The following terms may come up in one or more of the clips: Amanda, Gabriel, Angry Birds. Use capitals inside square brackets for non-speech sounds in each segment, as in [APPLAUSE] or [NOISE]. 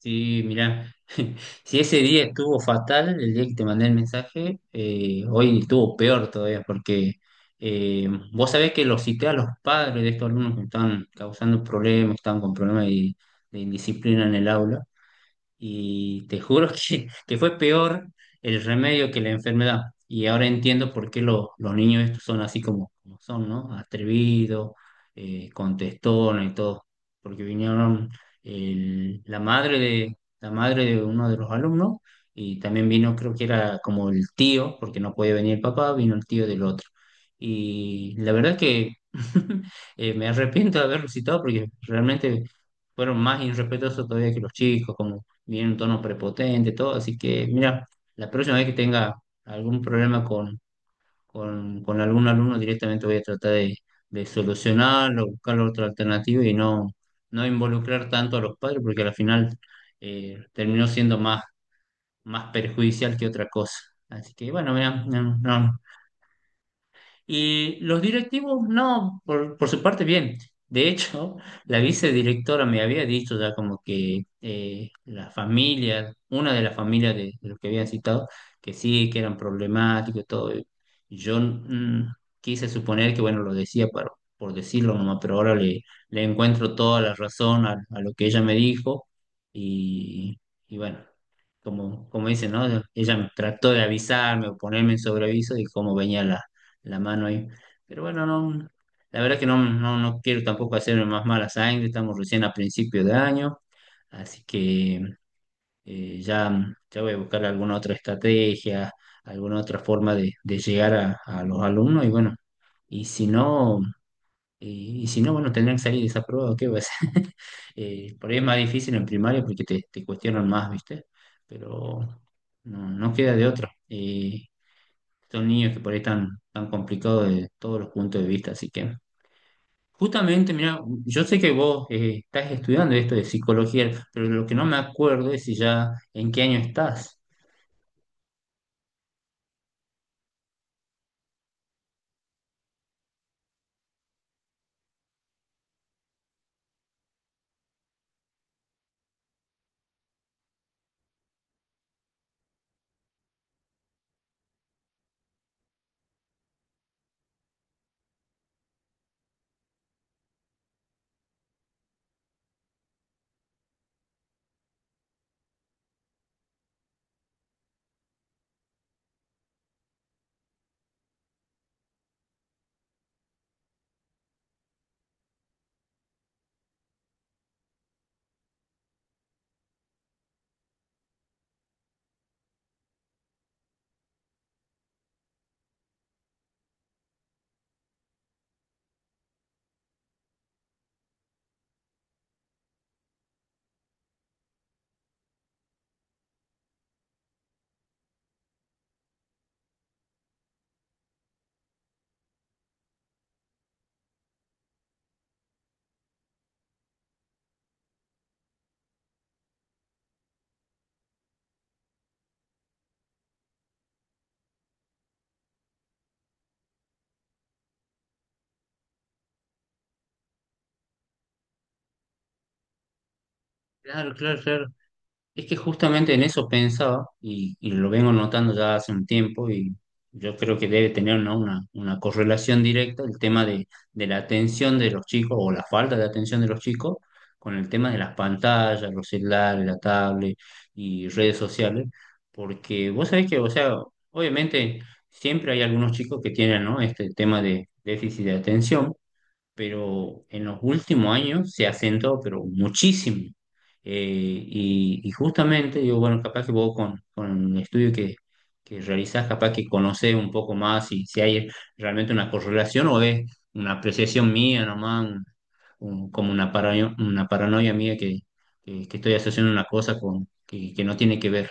Sí, mirá, [LAUGHS] si ese día estuvo fatal, el día que te mandé el mensaje, hoy estuvo peor todavía, porque eh, vos sabés que los cité a los padres de estos alumnos que me están causando problemas, que están con problemas de indisciplina en el aula, y te juro [LAUGHS] que fue peor el remedio que la enfermedad. Y ahora entiendo por qué los niños estos son así como, como son, ¿no? Atrevidos, contestones y todo. Porque vinieron la madre de uno de los alumnos y también vino, creo que era como el tío, porque no podía venir el papá, vino el tío del otro. Y la verdad que [LAUGHS] me arrepiento de haberlo citado porque realmente fueron más irrespetuosos todavía que los chicos, viene un tono prepotente, todo. Así que, mira, la próxima vez que tenga algún problema con, con algún alumno, directamente voy a tratar de solucionarlo, buscar otra alternativa y no, no involucrar tanto a los padres, porque al final terminó siendo más, más perjudicial que otra cosa. Así que, bueno, mira, no, no, y los directivos, no, por su parte, bien. De hecho, la vicedirectora me había dicho ya como que la familia, una de las familias de los que habían citado, que sí, que eran problemáticos y todo. Y yo quise suponer que, bueno, lo decía por decirlo nomás, pero ahora le, le encuentro toda la razón a lo que ella me dijo. Y, y bueno, como, como dice, ¿no? Ella trató de avisarme o ponerme en sobreaviso de cómo venía la mano ahí. Pero bueno, no, la verdad que no, no, no quiero tampoco hacerme más mala sangre, estamos recién a principio de año, así que ya, ya voy a buscar alguna otra estrategia, alguna otra forma de llegar a los alumnos y bueno, y si no, y si no, bueno, tendrán que salir desaprobados, ¿qué va a ser? [LAUGHS] Por ahí es más difícil en primaria porque te cuestionan más, ¿viste? Pero no, no queda de otra. Son niños que por ahí están tan complicados de todos los puntos de vista, así que justamente, mira, yo sé que vos estás estudiando esto de psicología, pero lo que no me acuerdo es si ya en qué año estás. Claro, claro, claro. Es que justamente en eso pensaba y lo vengo notando ya hace un tiempo y yo creo que debe tener, ¿no?, una correlación directa el tema de la atención de los chicos o la falta de atención de los chicos con el tema de las pantallas, los celulares, la tablet y redes sociales, porque vos sabés que, o sea, obviamente siempre hay algunos chicos que tienen, ¿no?, este tema de déficit de atención pero en los últimos años se ha acentuado, pero muchísimo. Eh, y, y justamente, yo, bueno, capaz que vos con el estudio que realizás, capaz que conocés un poco más si, si hay realmente una correlación o es una apreciación mía nomás, como una paranoia mía que estoy asociando una cosa con, que no tiene que ver.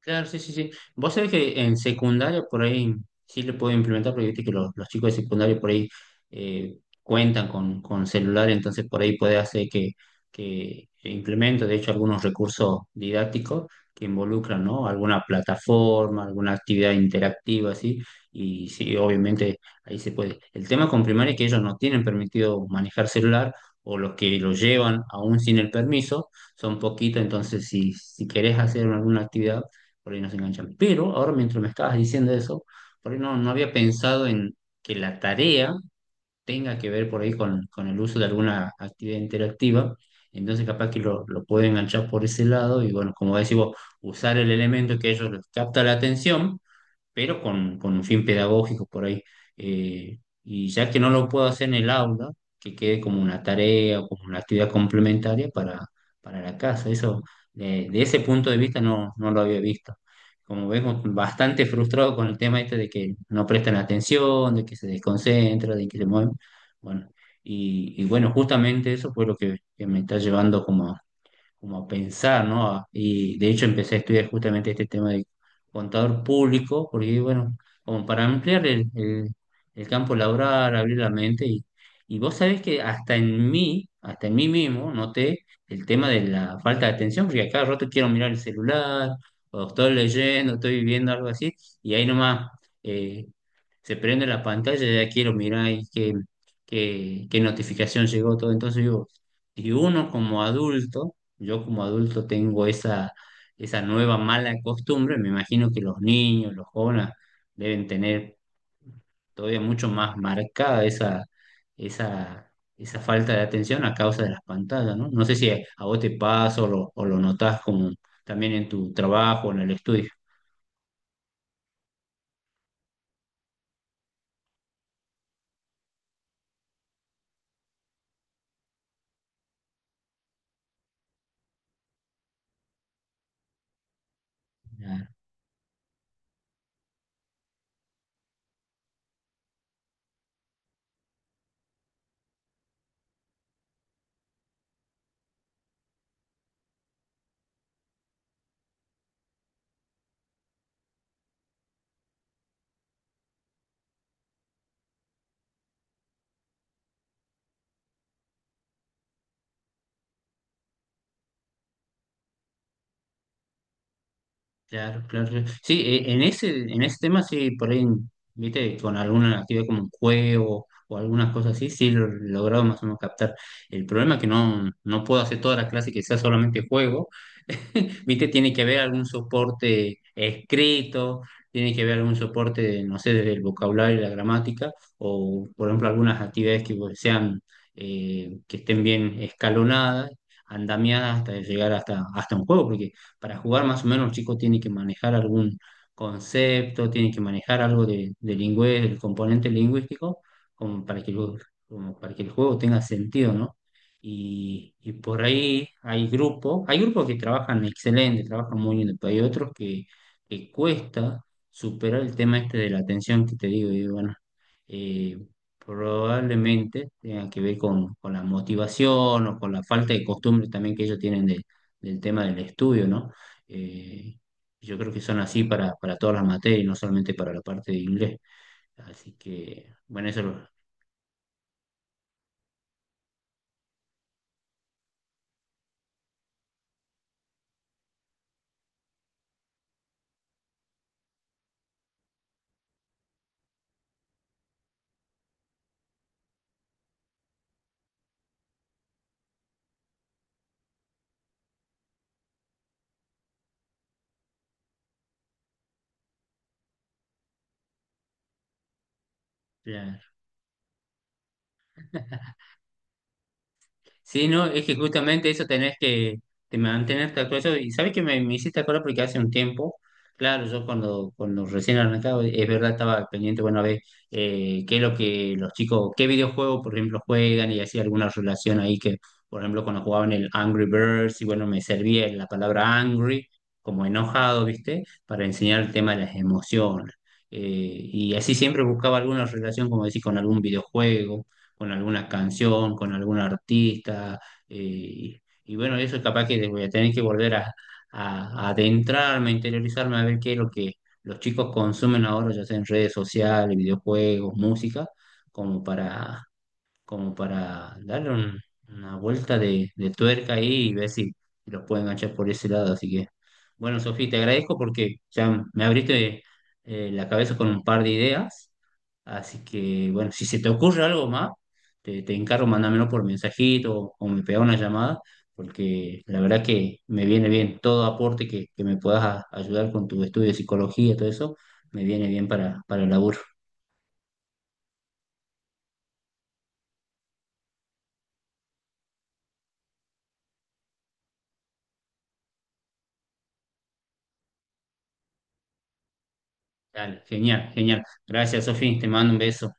Claro, sí, sí, sí. Vos sabés que en secundaria por ahí sí le puedo implementar, porque viste que los chicos de secundaria por ahí cuentan con celular, entonces por ahí puede hacer que implemento, de hecho, algunos recursos didácticos que involucran, ¿no? Alguna plataforma, alguna actividad interactiva, así, y sí, obviamente ahí se puede. El tema con primaria es que ellos no tienen permitido manejar celular, o los que lo llevan aún sin el permiso, son poquitos, entonces si, si querés hacer alguna actividad por ahí nos enganchan. Pero ahora mientras me estabas diciendo eso, por ahí no, no había pensado en que la tarea tenga que ver por ahí con el uso de alguna actividad interactiva. Entonces capaz que lo pueden enganchar por ese lado y bueno, como decís vos, usar el elemento que ellos les capta la atención pero con un fin pedagógico por ahí. Y ya que no lo puedo hacer en el aula, que quede como una tarea o como una actividad complementaria para la casa. Eso, de ese punto de vista no, no lo había visto. Como vemos, bastante frustrado con el tema este de que no prestan atención, de que se desconcentra, de que se mueven. Bueno, y bueno, justamente eso fue lo que me está llevando como como a pensar, ¿no? Y de hecho empecé a estudiar justamente este tema de contador público, porque bueno, como para ampliar el campo laboral, abrir la mente, y vos sabés que hasta en mí mismo, noté el tema de la falta de atención, porque a cada rato quiero mirar el celular, o estoy leyendo, estoy viviendo algo así, y ahí nomás eh, se prende la pantalla y ya quiero mirar y qué, qué, qué notificación llegó todo. Entonces digo, y uno como adulto, yo como adulto tengo esa, esa nueva mala costumbre, me imagino que los niños, los jóvenes deben tener todavía mucho más marcada esa, esa, esa falta de atención a causa de las pantallas, ¿no? No sé si a vos te pasa o lo notás como también en tu trabajo, en el estudio. Claro, claro, claro. Sí, en ese tema sí, por ahí, viste, con alguna actividad como un juego o algunas cosas así, sí lo he logrado más o menos captar. El problema es que no, no puedo hacer toda la clase que sea solamente juego, [LAUGHS] viste, tiene que haber algún soporte escrito, tiene que haber algún soporte, no sé, desde el vocabulario y la gramática, o por ejemplo algunas actividades que pues, sean, que estén bien escalonadas, andamiadas hasta llegar hasta, hasta un juego, porque para jugar más o menos los chicos tienen que manejar algún concepto, tienen que manejar algo de del componente lingüístico, como para que, como para que el juego tenga sentido, ¿no? Y por ahí hay grupos que trabajan excelente, trabajan muy bien, pero hay otros que cuesta superar el tema este de la atención que te digo, y bueno, eh, probablemente tenga que ver con la motivación o con la falta de costumbre también que ellos tienen del tema del estudio, ¿no? Eh, yo creo que son así para todas las materias, no solamente para la parte de inglés. Así que, bueno, eso lo... ya. [LAUGHS] Sí, no, es que justamente eso tenés que te mantenerte actualizado. Y sabes que me hiciste acordar porque hace un tiempo, claro, yo cuando, cuando recién arrancaba, es verdad, estaba pendiente, bueno, a ver qué es lo que los chicos, qué videojuegos, por ejemplo, juegan y hacía alguna relación ahí que, por ejemplo, cuando jugaban el Angry Birds, y bueno, me servía la palabra angry, como enojado, ¿viste? Para enseñar el tema de las emociones. Y así siempre buscaba alguna relación, como decís, con algún videojuego con alguna canción, con algún artista. Y, y bueno, eso es capaz que voy a tener que volver a, a adentrarme, a interiorizarme, a ver qué es lo que los chicos consumen ahora, ya sea en redes sociales, videojuegos, música, como para, como para darle una vuelta de tuerca ahí y ver si los pueden enganchar por ese lado. Así que, bueno, Sofía, te agradezco porque ya me abriste la cabeza con un par de ideas. Así que, bueno, si se te ocurre algo más, te encargo, mándamelo por mensajito o me pega una llamada, porque la verdad que me viene bien todo aporte que me puedas ayudar con tu estudio de psicología, todo eso, me viene bien para el laburo. Dale, genial, genial. Gracias, Sofía, te mando un beso.